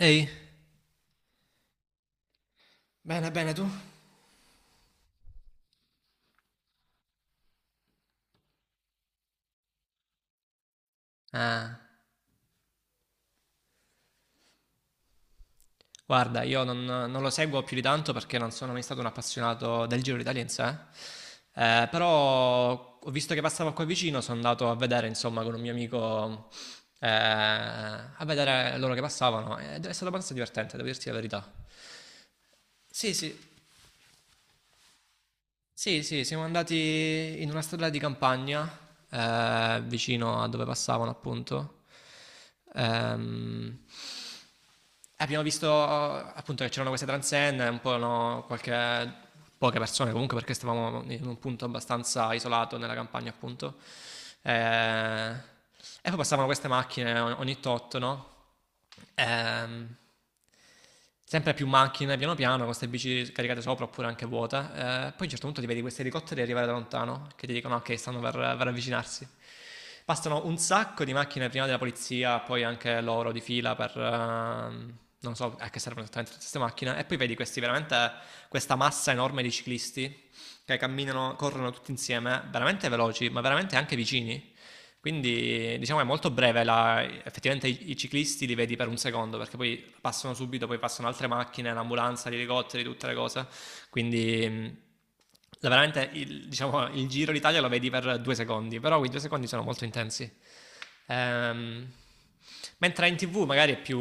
Ehi. Bene, bene, tu? Ah, guarda, io non lo seguo più di tanto, perché non sono mai stato un appassionato del Giro d'Italia in sé. Però ho visto che passavo qua vicino, sono andato a vedere insomma con un mio amico, a vedere loro che passavano, ed è stato abbastanza divertente, devo dirti la verità. Sì, sì, sì, sì, siamo andati in una strada di campagna, vicino a dove passavano appunto. Ehm, Abbiamo visto appunto che c'erano queste transenne, un po', no, qualche, poche persone comunque, perché stavamo in un punto abbastanza isolato nella campagna appunto. Eh, E poi passavano queste macchine ogni tot, no? Ehm, Sempre più macchine, piano piano, con queste bici caricate sopra oppure anche vuote. Poi a un certo punto ti vedi questi elicotteri arrivare da lontano, che ti dicono ok, stanno per avvicinarsi. Passano un sacco di macchine prima della polizia, poi anche loro di fila per... non so a che servono esattamente tutte queste macchine. E poi vedi questi veramente, questa massa enorme di ciclisti che camminano, corrono tutti insieme, veramente veloci, ma veramente anche vicini. Quindi diciamo è molto breve, effettivamente i ciclisti li vedi per un secondo, perché poi passano subito, poi passano altre macchine, l'ambulanza, gli elicotteri, tutte le cose. Quindi veramente il, diciamo, il Giro d'Italia lo vedi per due secondi, però quei due secondi sono molto intensi. Ehm, Mentre in TV magari è più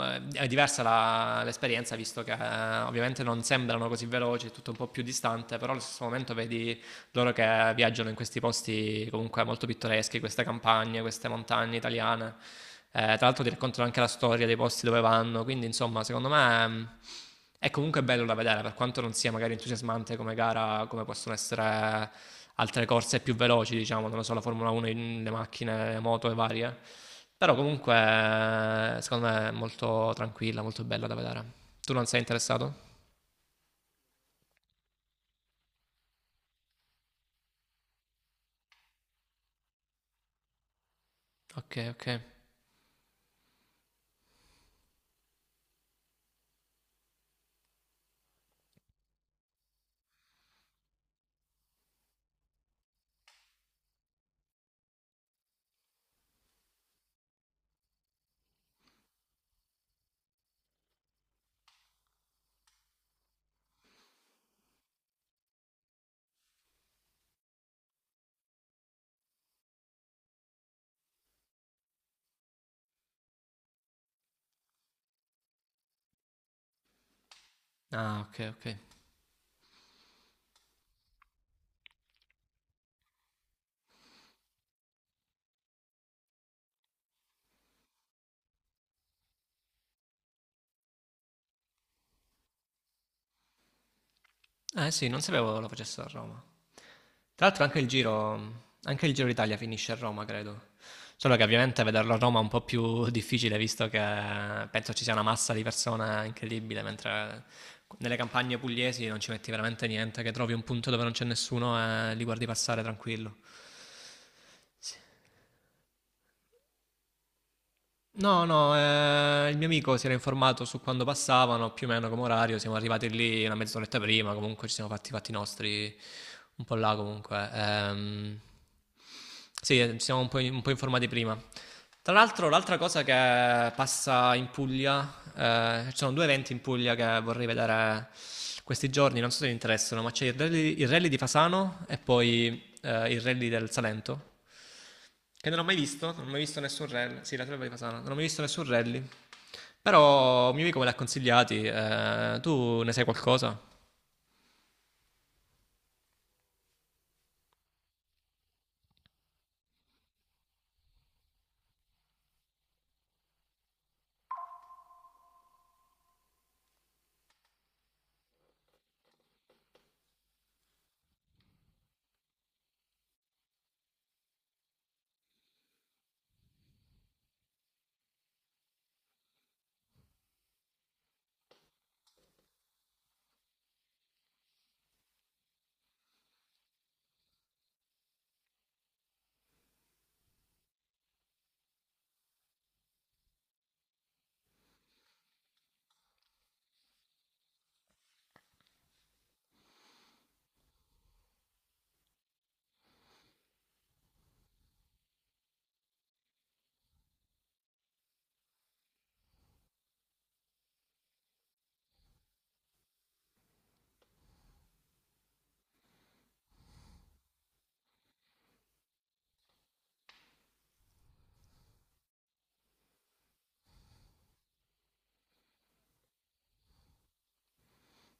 è diversa l'esperienza, visto che ovviamente non sembrano così veloci, è tutto un po' più distante, però allo stesso momento vedi loro che viaggiano in questi posti comunque molto pittoreschi, queste campagne, queste montagne italiane. Tra l'altro ti raccontano anche la storia dei posti dove vanno, quindi insomma secondo me è comunque bello da vedere, per quanto non sia magari entusiasmante come gara, come possono essere altre corse più veloci, diciamo, non lo so, la Formula 1, le macchine, le moto e varie. Però comunque secondo me è molto tranquilla, molto bella da vedere. Tu non sei interessato? Ok, ok. Ah, ok, ok. Eh sì, non sapevo lo facessero a Roma. Tra l'altro anche il Giro d'Italia finisce a Roma, credo. Solo che ovviamente vederlo a Roma è un po' più difficile, visto che penso ci sia una massa di persone incredibile, mentre nelle campagne pugliesi non ci metti veramente niente, che trovi un punto dove non c'è nessuno e li guardi passare tranquillo. Sì. No, no, il mio amico si era informato su quando passavano, più o meno come orario, siamo arrivati lì una mezz'oretta prima, comunque ci siamo fatti i fatti nostri un po' là comunque. Sì, ci siamo un po', un po' informati prima. Tra l'altro, l'altra cosa che passa in Puglia, ci sono due eventi in Puglia che vorrei vedere questi giorni, non so se vi interessano, ma c'è il rally di Fasano e poi il rally del Salento. Che non ho mai visto, non ho mai visto nessun rally. Sì, la trova di Fasano, non ho mai visto nessun rally. Però un mio amico me li ha consigliati. Eh, tu ne sai qualcosa?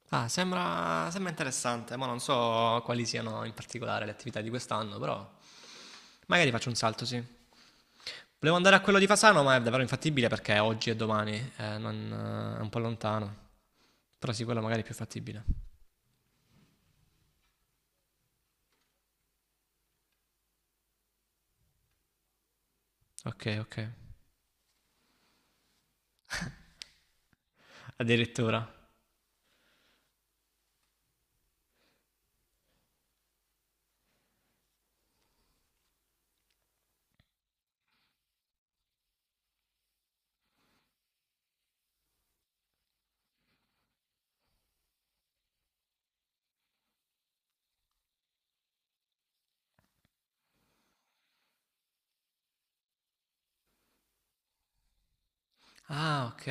Ah, sembra, sembra interessante, ma non so quali siano in particolare le attività di quest'anno, però magari faccio un salto, sì. Volevo andare a quello di Fasano, ma è davvero infattibile, perché oggi e domani, è un po' lontano. Però sì, quello magari è più fattibile. Ok, ok. Addirittura. Ah, ok.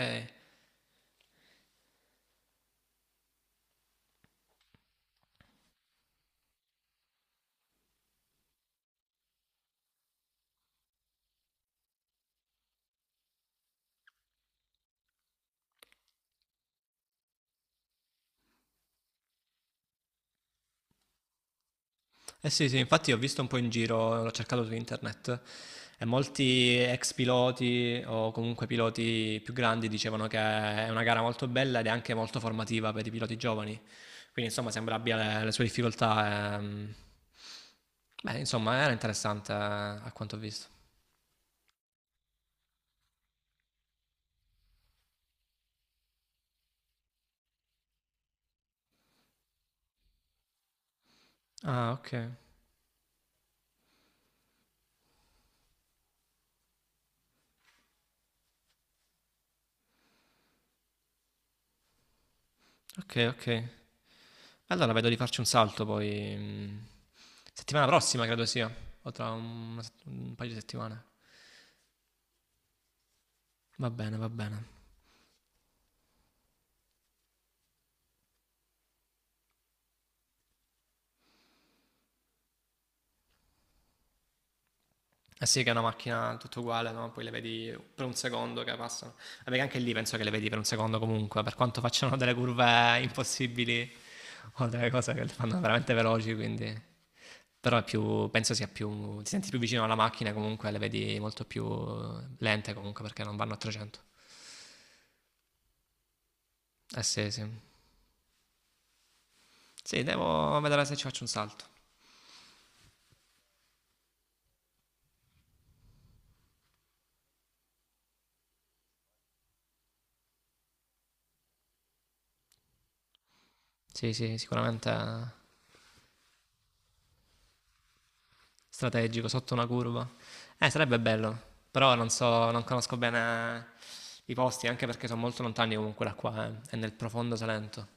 Eh sì, sì, infatti ho visto un po' in giro, l'ho cercato su internet, e molti ex piloti o comunque piloti più grandi dicevano che è una gara molto bella ed è anche molto formativa per i piloti giovani. Quindi insomma sembra abbia le sue difficoltà. Beh, insomma, era interessante, a quanto ho visto. Ah, ok, ok, ok. Allora vedo di farci un salto poi. Settimana prossima credo sia, o tra una un paio di settimane. Va bene, va bene. Eh sì, che è una macchina tutto uguale, no? Poi le vedi per un secondo che passano. Vabbè, che anche lì penso che le vedi per un secondo comunque, per quanto facciano delle curve impossibili o delle cose che le fanno veramente veloci, quindi... Però è più, penso sia più... ti senti più vicino alla macchina comunque, le vedi molto più lente comunque, perché non vanno a 300. Eh sì, sì. Sì, devo vedere se ci faccio un salto. Sì, sì, sicuramente strategico sotto una curva. Sarebbe bello, però non so, non conosco bene i posti, anche perché sono molto lontani comunque da qua, eh. È nel profondo Salento.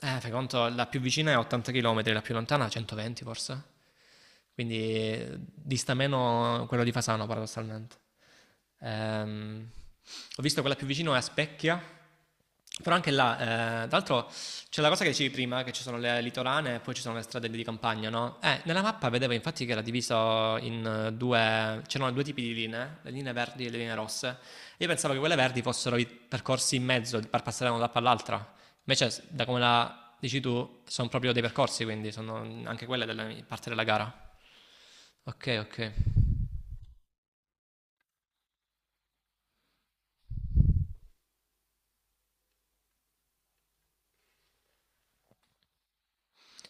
Fai conto, la più vicina è 80 km, la più lontana 120 forse. Quindi dista meno quello di Fasano, paradossalmente. Ehm, Ho visto quella più vicina è a Specchia, però anche là, tra l'altro c'è la cosa che dicevi prima, che ci sono le litorane e poi ci sono le strade di campagna, no? Nella mappa vedevo infatti che era diviso in due, c'erano due tipi di linee, le linee verdi e le linee rosse. Io pensavo che quelle verdi fossero i percorsi in mezzo per passare da una tappa all'altra. Invece, da come la dici tu, sono proprio dei percorsi, quindi sono anche quelle della parte della gara. Ok, ok.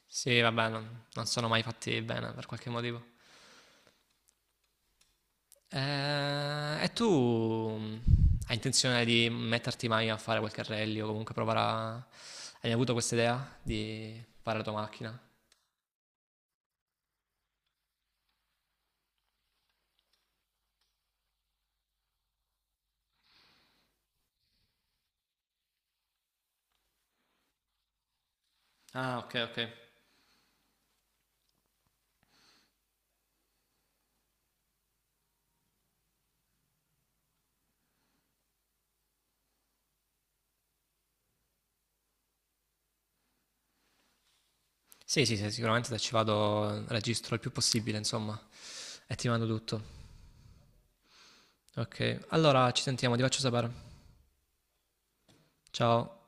Sì, vabbè, non sono mai fatti bene per qualche motivo. E tu hai intenzione di metterti mai a fare qualche rally o comunque provare a... hai avuto questa idea di fare la tua macchina? Ah, ok, ok. Sì, sì, sì, sicuramente se ci vado registro il più possibile, insomma, e ti mando tutto. Ok, allora ci sentiamo, ti faccio sapere. Ciao.